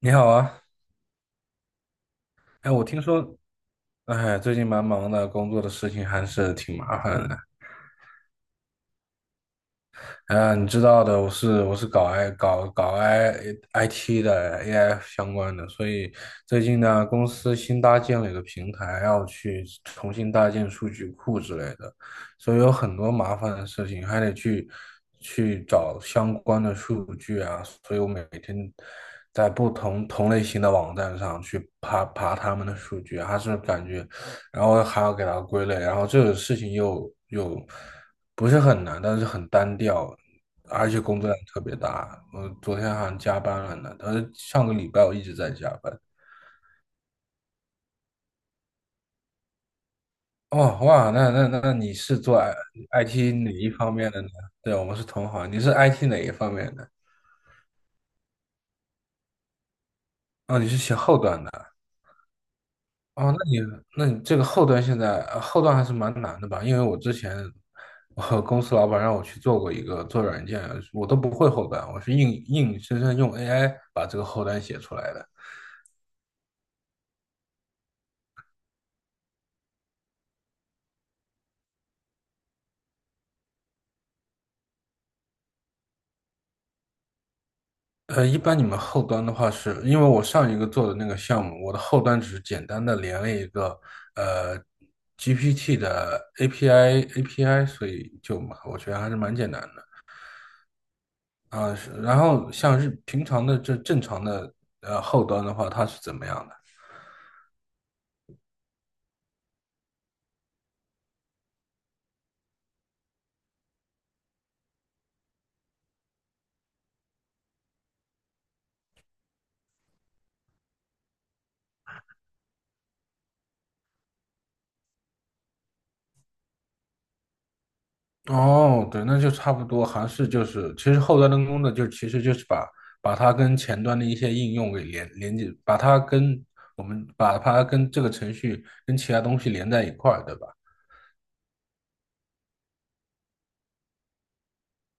你好啊，哎，我听说，哎，最近蛮忙的，工作的事情还是挺麻烦的。啊，你知道的，我是搞 I 搞搞 I IT 的 AI 相关的，所以最近呢，公司新搭建了一个平台，要去重新搭建数据库之类的，所以有很多麻烦的事情，还得去找相关的数据啊。所以我每天在不同类型的网站上去爬他们的数据，还是感觉然后还要给它归类。然后这个事情又不是很难，但是很单调，而且工作量特别大。我昨天好像加班了呢，但是上个礼拜我一直在加班。哦，哇，那你是做 IT 哪一方面的呢？对，我们是同行，你是 IT 哪一方面的？哦，你是写后端的。哦，那你这个后端现在呃后端还是蛮难的吧？因为我之前我公司老板让我去做过一个做软件，我都不会后端，我是硬生生用 AI 把这个后端写出来的。一般你们后端的话是，因为我上一个做的那个项目，我的后端只是简单的连了一个呃 GPT 的 API， 所以就嘛我觉得还是蛮简单的啊。是然后像是平常的正常的后端的话，它是怎么样的？哦，对，那就差不多。还是就是，其实后端的工作就其实就是把它跟前端的一些应用给连接，把它跟这个程序跟其他东西连在一块儿，对吧？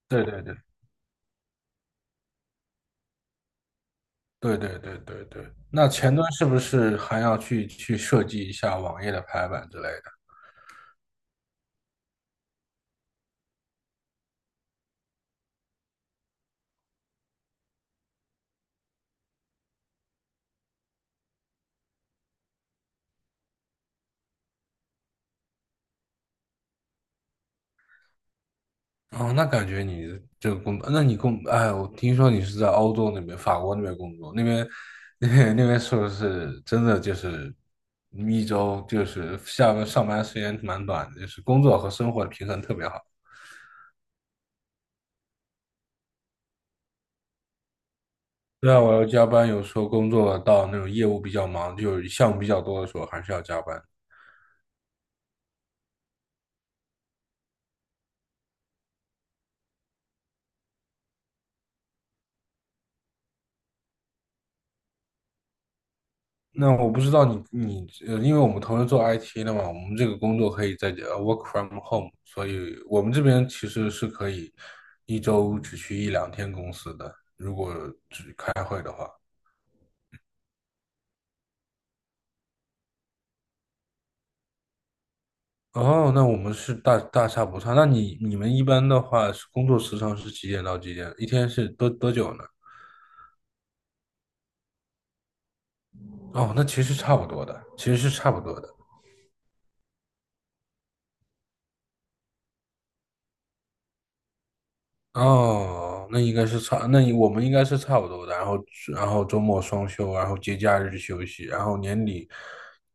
对对对对对对对对。那前端是不是还要去设计一下网页的排版之类的？哦，那感觉你这个工，那你工，哎，我听说你是在欧洲那边，法国那边工作，那边 那边是不是真的就是一周就是下班上班时间蛮短的，就是工作和生活的平衡特别好。对啊，我要加班，有时候工作到那种业务比较忙，就是项目比较多的时候，还是要加班。那我不知道你你呃，因为我们同时做 IT 的嘛，我们这个工作可以在work from home，所以我们这边其实是可以一周只去一两天公司的，如果开会的话。哦，那我们是大差不差。那你们一般的话是工作时长是几点到几点？一天是多久呢？哦，那其实差不多的，其实是差不多的。哦，那你我们应该是差不多的。然后，周末双休，然后节假日休息，然后年底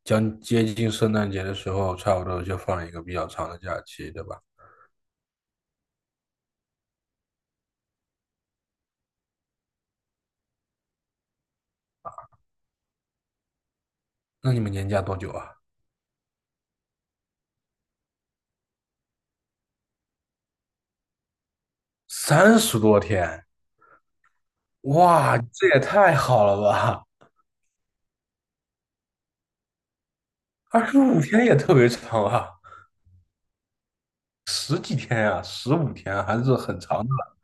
将接近圣诞节的时候，差不多就放一个比较长的假期，对吧？那你们年假多久啊？30多天，哇，这也太好了吧！25天也特别长啊，十几天呀，十五天啊还是很长的了。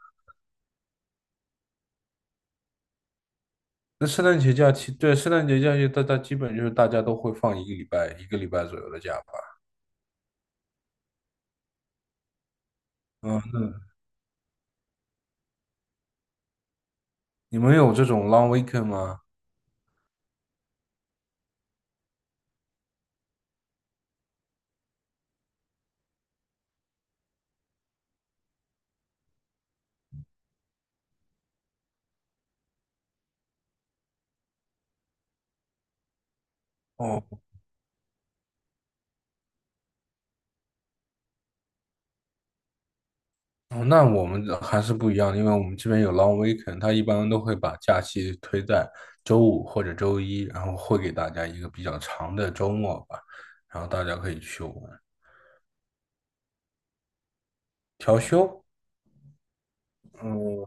那圣诞节假期，对，圣诞节假期，大家基本就是大家都会放一个礼拜，一个礼拜左右的假吧。嗯，你们有这种 long weekend 吗？哦，哦那我们的还是不一样的，因为我们这边有 long weekend，他一般都会把假期推在周五或者周一，然后会给大家一个比较长的周末吧，然后大家可以去玩。调休？嗯，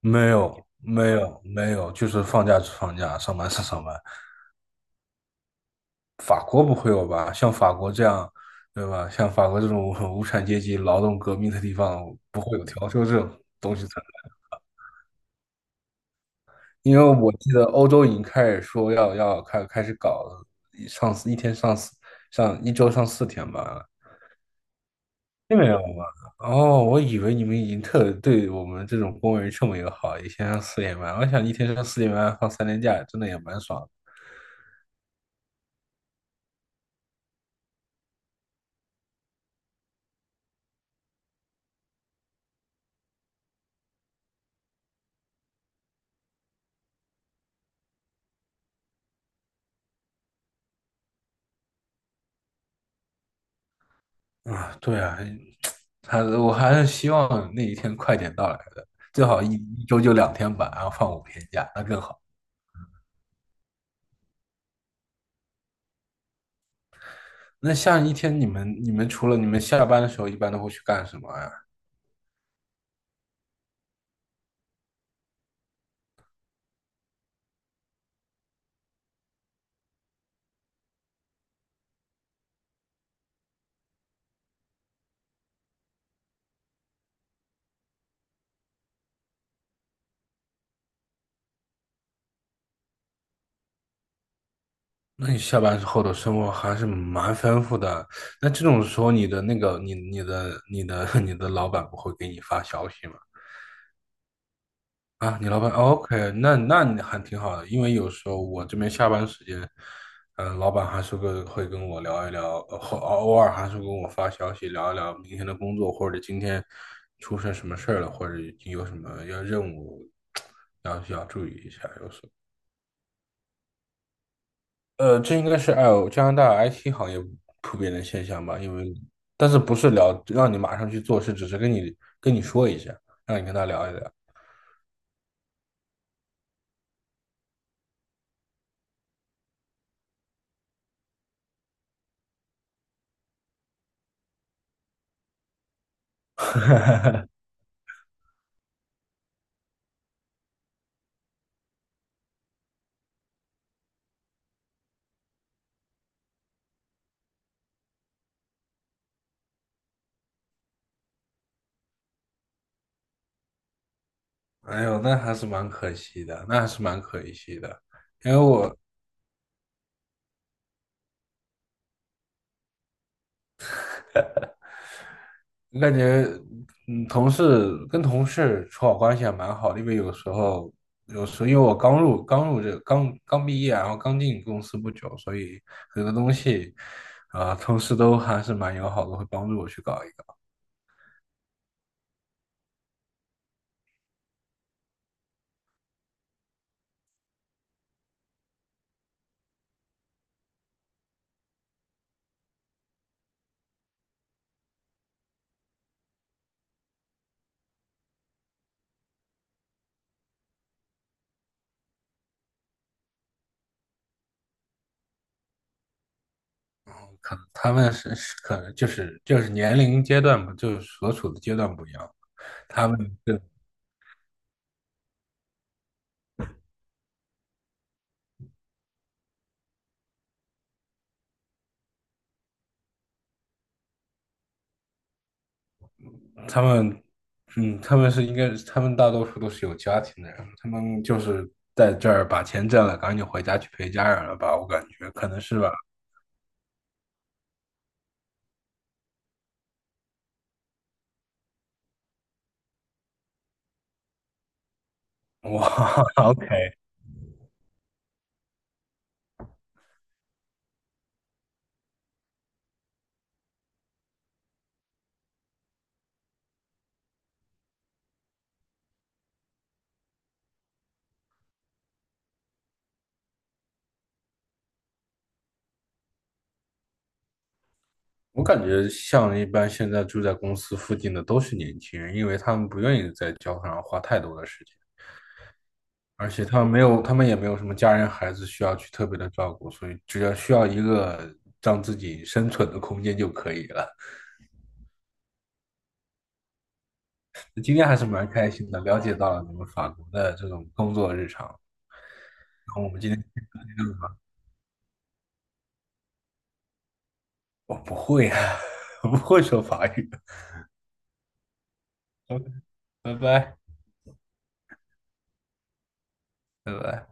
没有，没有，没有，就是放假是放假，上班是上班。法国不会有吧？像法国这样，对吧？像法国这种 很无产阶级劳动革命的地方，不会有调休这种东西。因为我记得欧洲已经开始说要开始搞了上四一天上四上一周上四天班了，并没有吗？哦，我以为你们已经特对我们这种工人这么友好，一天上四天班。我想一天上四天班放3天假，真的也蛮爽的啊。对啊，还是希望那一天快点到来的，最好一周就2天班，然后放5天假，那更好。那像一天你们除了你们下班的时候，一般都会去干什么呀？那你下班之后的生活还是蛮丰富的。那这种时候，你的那个，你你的你的 你的老板不会给你发消息吗？啊，你老板，OK，那你还挺好的，因为有时候我这边下班时间，老板还是会跟我聊一聊，呃或呃偶尔还是跟我发消息聊一聊明天的工作，或者今天出现什么事儿了，或者有什么要任务 要注意一下，有时候。这应该是加拿大 IT 行业普遍的现象吧，因为但是不是聊让你马上去做，是只是跟你说一下，让你跟他聊一聊。哎呦，那还是蛮可惜的，那还是蛮可惜的，因为我感觉，同事跟同事处好关系还蛮好的，因为有时候因为我刚入刚入这刚刚毕业，然后刚进公司不久，所以很多东西，啊、同事都还是蛮友好的，会帮助我去搞一个。可能他们是可能就是年龄阶段不就是所处的阶段不一样，他们是他们嗯他们是应该他们大多数都是有家庭的人，他们就是在这儿把钱挣了，赶紧回家去陪家人了吧，我感觉可能是吧。哇，我感觉像一般现在住在公司附近的都是年轻人，因为他们不愿意在交通上花太多的时间。而且他们也没有什么家人、孩子需要去特别的照顾，所以只要需要一个让自己生存的空间就可以了。今天还是蛮开心的，了解到了你们法国的这种工作日常。然后我们今天我不会啊，我不会说法语。OK，拜拜，拜拜。